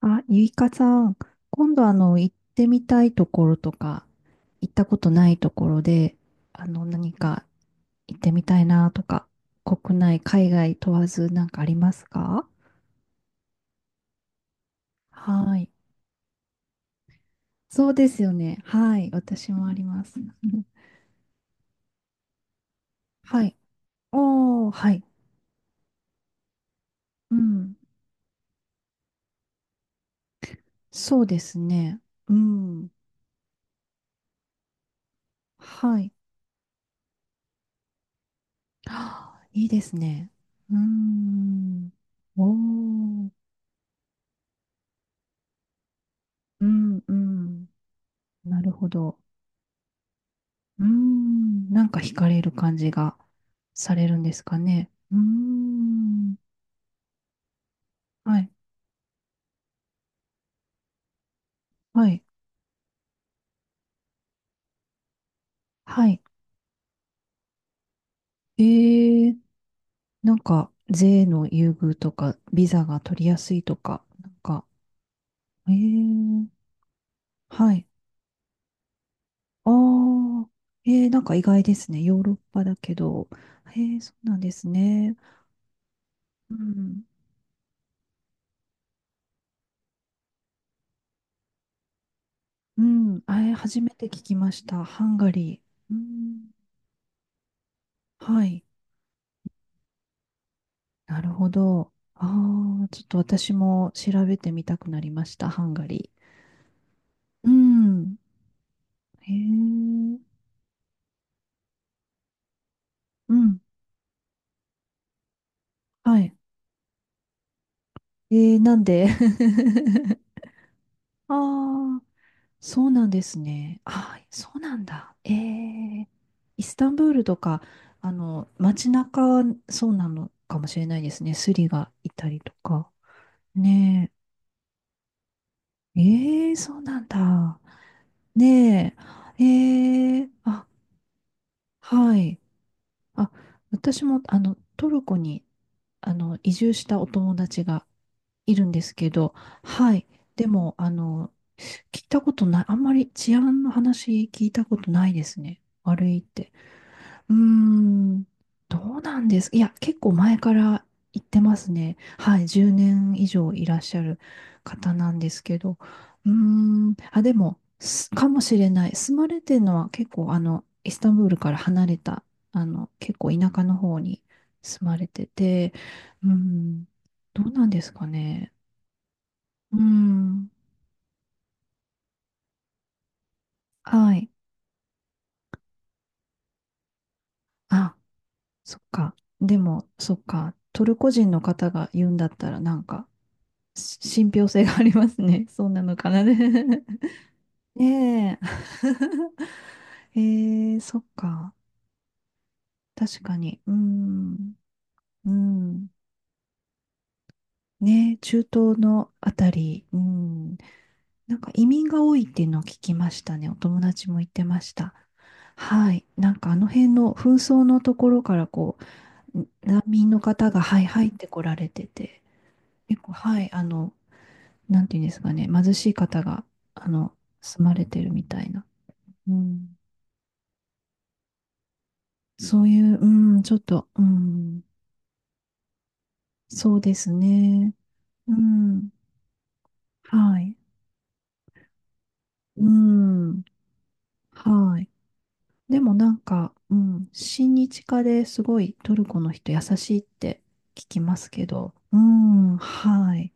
あ、ゆいかさん、今度行ってみたいところとか、行ったことないところで、何か行ってみたいなとか、国内、海外問わずなんかありますか？はい。そうですよね。はい。私もあります。うん。 はい。おー、はい。うん。そうですね。うん。はい。はあ、いいですね。うーん。おー。うん、うん。なるほど。うーん、なんか惹かれる感じがされるんですかね。うーん、はい、はい、はい。えー、なんか、税の優遇とか、ビザが取りやすいとか、なんか、えー、はい。ああ、なんか意外ですね。ヨーロッパだけど。そうなんですね。うん、うん、あれ、初めて聞きました。ハンガリー。うん、はい。なるほど。ああ、ちょっと私も調べてみたくなりました、ハンガリー。うん。へえ。うん。はい。なんで。 ああ、そうなんですね。ああ、そうなんだ。ええ。イスタンブールとか、街中はそうなのかもしれないですね。スリがいたりとか。ねえ。ええ、そうなんだ。ねえ。ええ、あ、はい。あ、私も、トルコに、移住したお友達がいるんですけど、はい。でも、聞いたことない、あんまり治安の話聞いたことないですね。悪いって。うーん、どうなんです、いや、結構前から行ってますね。はい、10年以上いらっしゃる方なんですけど。うーん、あ、でも、すかもしれない。住まれてるのは結構、イスタンブールから離れた、結構田舎の方に住まれてて、うーん、どうなんですかね。うーん、はい。あ、そっか。でも、そっか。トルコ人の方が言うんだったら、なんか、し、信憑性がありますね。そうなのかなね。ねえ。えー、そっか。確かに。うん。うん。ねえ、中東のあたり。うん。なんか移民が多いっていうのを聞きましたね。お友達も言ってました。はい。なんかあの辺の紛争のところからこう、難民の方が、はい、入ってこられてて、結構、はい、なんていうんですかね、貧しい方が、あの、住まれてるみたいな。うん、そういう、うん、ちょっと、うん、そうですね。うん、はい。うん、はい。でもなんか、うん、親日家ですごいトルコの人優しいって聞きますけど、うん、はい。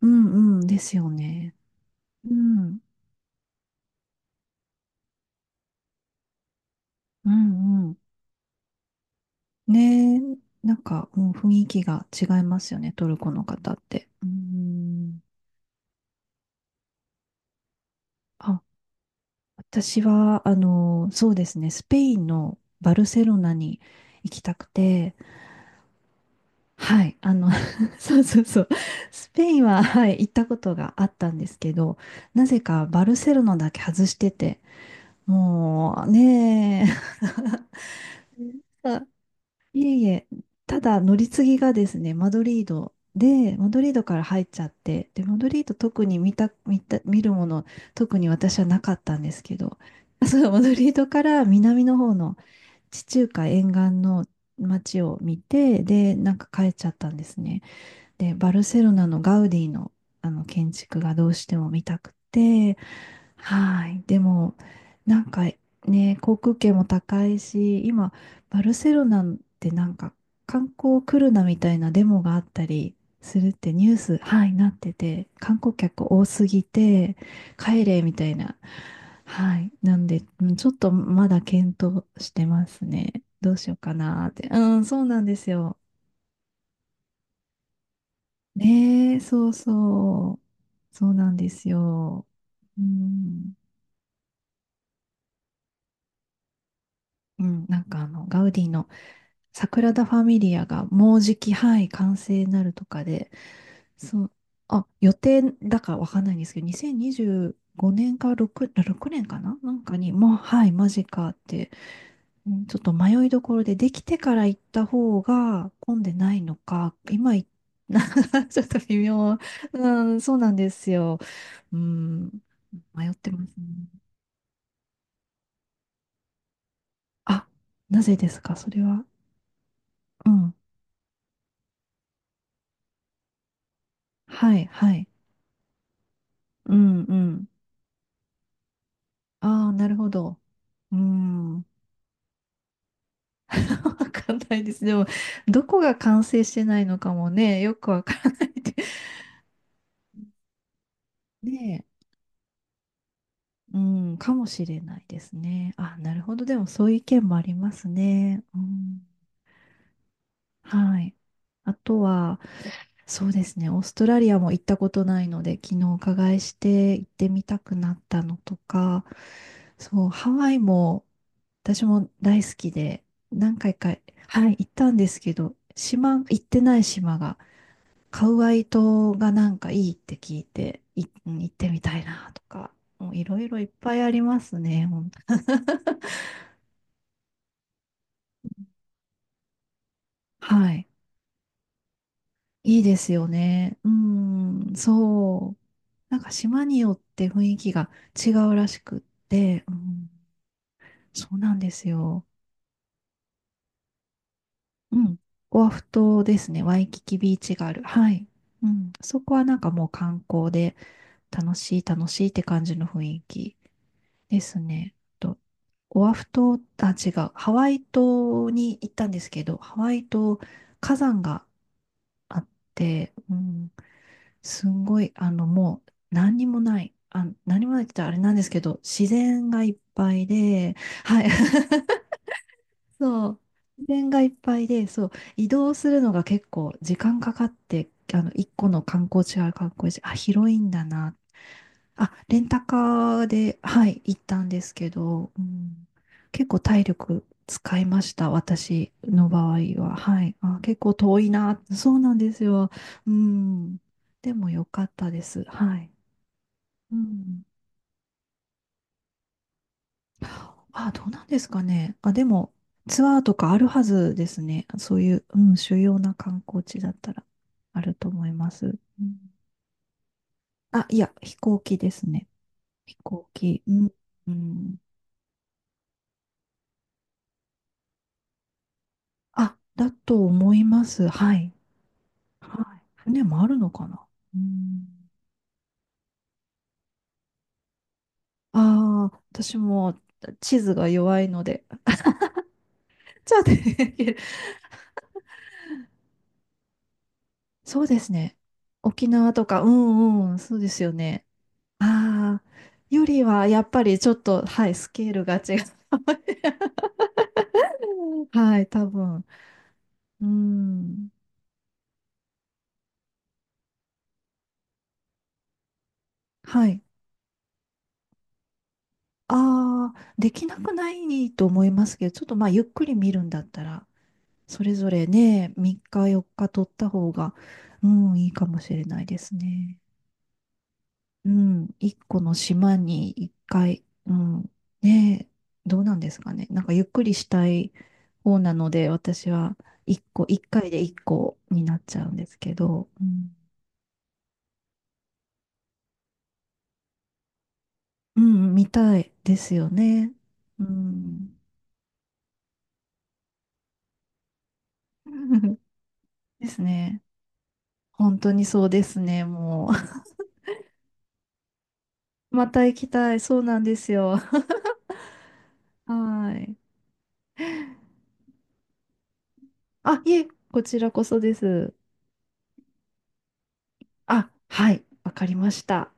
うん、うん、ですよね。うん、うん、うん。ねえ、なんか、うん、雰囲気が違いますよね、トルコの方って。うん、あ、私は、そうですね、スペインのバルセロナに行きたくて、はい、そうそうそう、スペインは、はい、行ったことがあったんですけど、なぜかバルセロナだけ外してて、もうねえ。あ、いえいえ、ただ乗り継ぎがですね、マドリードで、マドリードから入っちゃって、で、マドリード特に見るもの、特に私はなかったんですけど、あ、そう、マドリードから南の方の、地中海沿岸の街を見て、で、なんか帰っちゃったんですね。で、バルセロナのガウディの、あの建築がどうしても見たくて、はい。でも、なんかね、航空券も高いし、今、バルセロナってなんか観光来るなみたいなデモがあったりするってニュース、はい、なってて、観光客多すぎて、帰れみたいな。はい。なんで、うん、ちょっとまだ検討してますね。どうしようかなーって。うん、そうなんですよ。ねえ、そうそう。そうなんですよ。うん。うん、なんかあの、ガウディのサグラダ・ファミリアがもうじき、はい、完成になるとかで、そう、あ、予定だかわかんないんですけど、2025年か6年かななんかに、もう、はい、マジかって、うん、ちょっと迷いどころで、できてから行った方が混んでないのか、今行っ。 ちょっと微妙。うん、そうなんですよ。うん、迷ってますね。あ、なぜですか、それは。うん。はい、はい。うん、うん。ああ、なるほど。うん。わかんないです。でも、どこが完成してないのかもね、よくわからないで。ねえ。うん、かもしれないですね。あ、なるほど。でも、そういう意見もありますね。うん。はい。あとは、そうですね。オーストラリアも行ったことないので、昨日お伺いして行ってみたくなったのとか、そう、ハワイも私も大好きで、何回か、はい、行ったんですけど、島、行ってない島が、カウアイ島がなんかいいって聞いて、い、うん、行ってみたいなとか、もういろいろいっぱいありますね。ほん、はい。いいですよね。うん、そう。なんか島によって雰囲気が違うらしくって、うん、そうなんですよ。うん。オアフ島ですね。ワイキキビーチがある。はい。うん。そこはなんかもう観光で楽しい楽しいって感じの雰囲気ですね。と、オアフ島、あ、違う。ハワイ島に行ったんですけど、ハワイ島火山があって、うん、すんごい、もう何にもない。あ、何もないって言ったらあれなんですけど、自然がいっぱいで、はい。そう。自然がいっぱいで、そう。移動するのが結構時間かかって、一個の観光地がある観光地、あ、広いんだな、あ、レンタカーで、はい、行ったんですけど、うん、結構体力使いました、私の場合は。はい。あ、結構遠いな。そうなんですよ。うん。でも良かったです。はい。うん。あ、どうなんですかね。あ、でも、ツアーとかあるはずですね。そういう、うん、主要な観光地だったら、あると思います。うん、あ、いや、飛行機ですね。飛行機。うん。うん、あ、だと思います。はい。はい。船もあるのかな。うん。ああ、私も地図が弱いので。じゃあね。 そうですね。沖縄とか、うん、うん、そうですよね。ああ、よりはやっぱりちょっと、はい、スケールが違う。はい、多分。うん。はい。ああ、できなくないと思いますけど、ちょっとまあ、ゆっくり見るんだったら。それぞれね、3日4日取った方が、うん、いいかもしれないですね。うん、1個の島に1回、うん、ねえ、どうなんですかね。なんかゆっくりしたい方なので、私は1個、1回で1個になっちゃうんですけど、うん、うん、見たいですよね。うん。ですね。本当にそうですね、もう。また行きたい。そうなんですよ。はい。あ、いえ、こちらこそです。あ、はい、わかりました。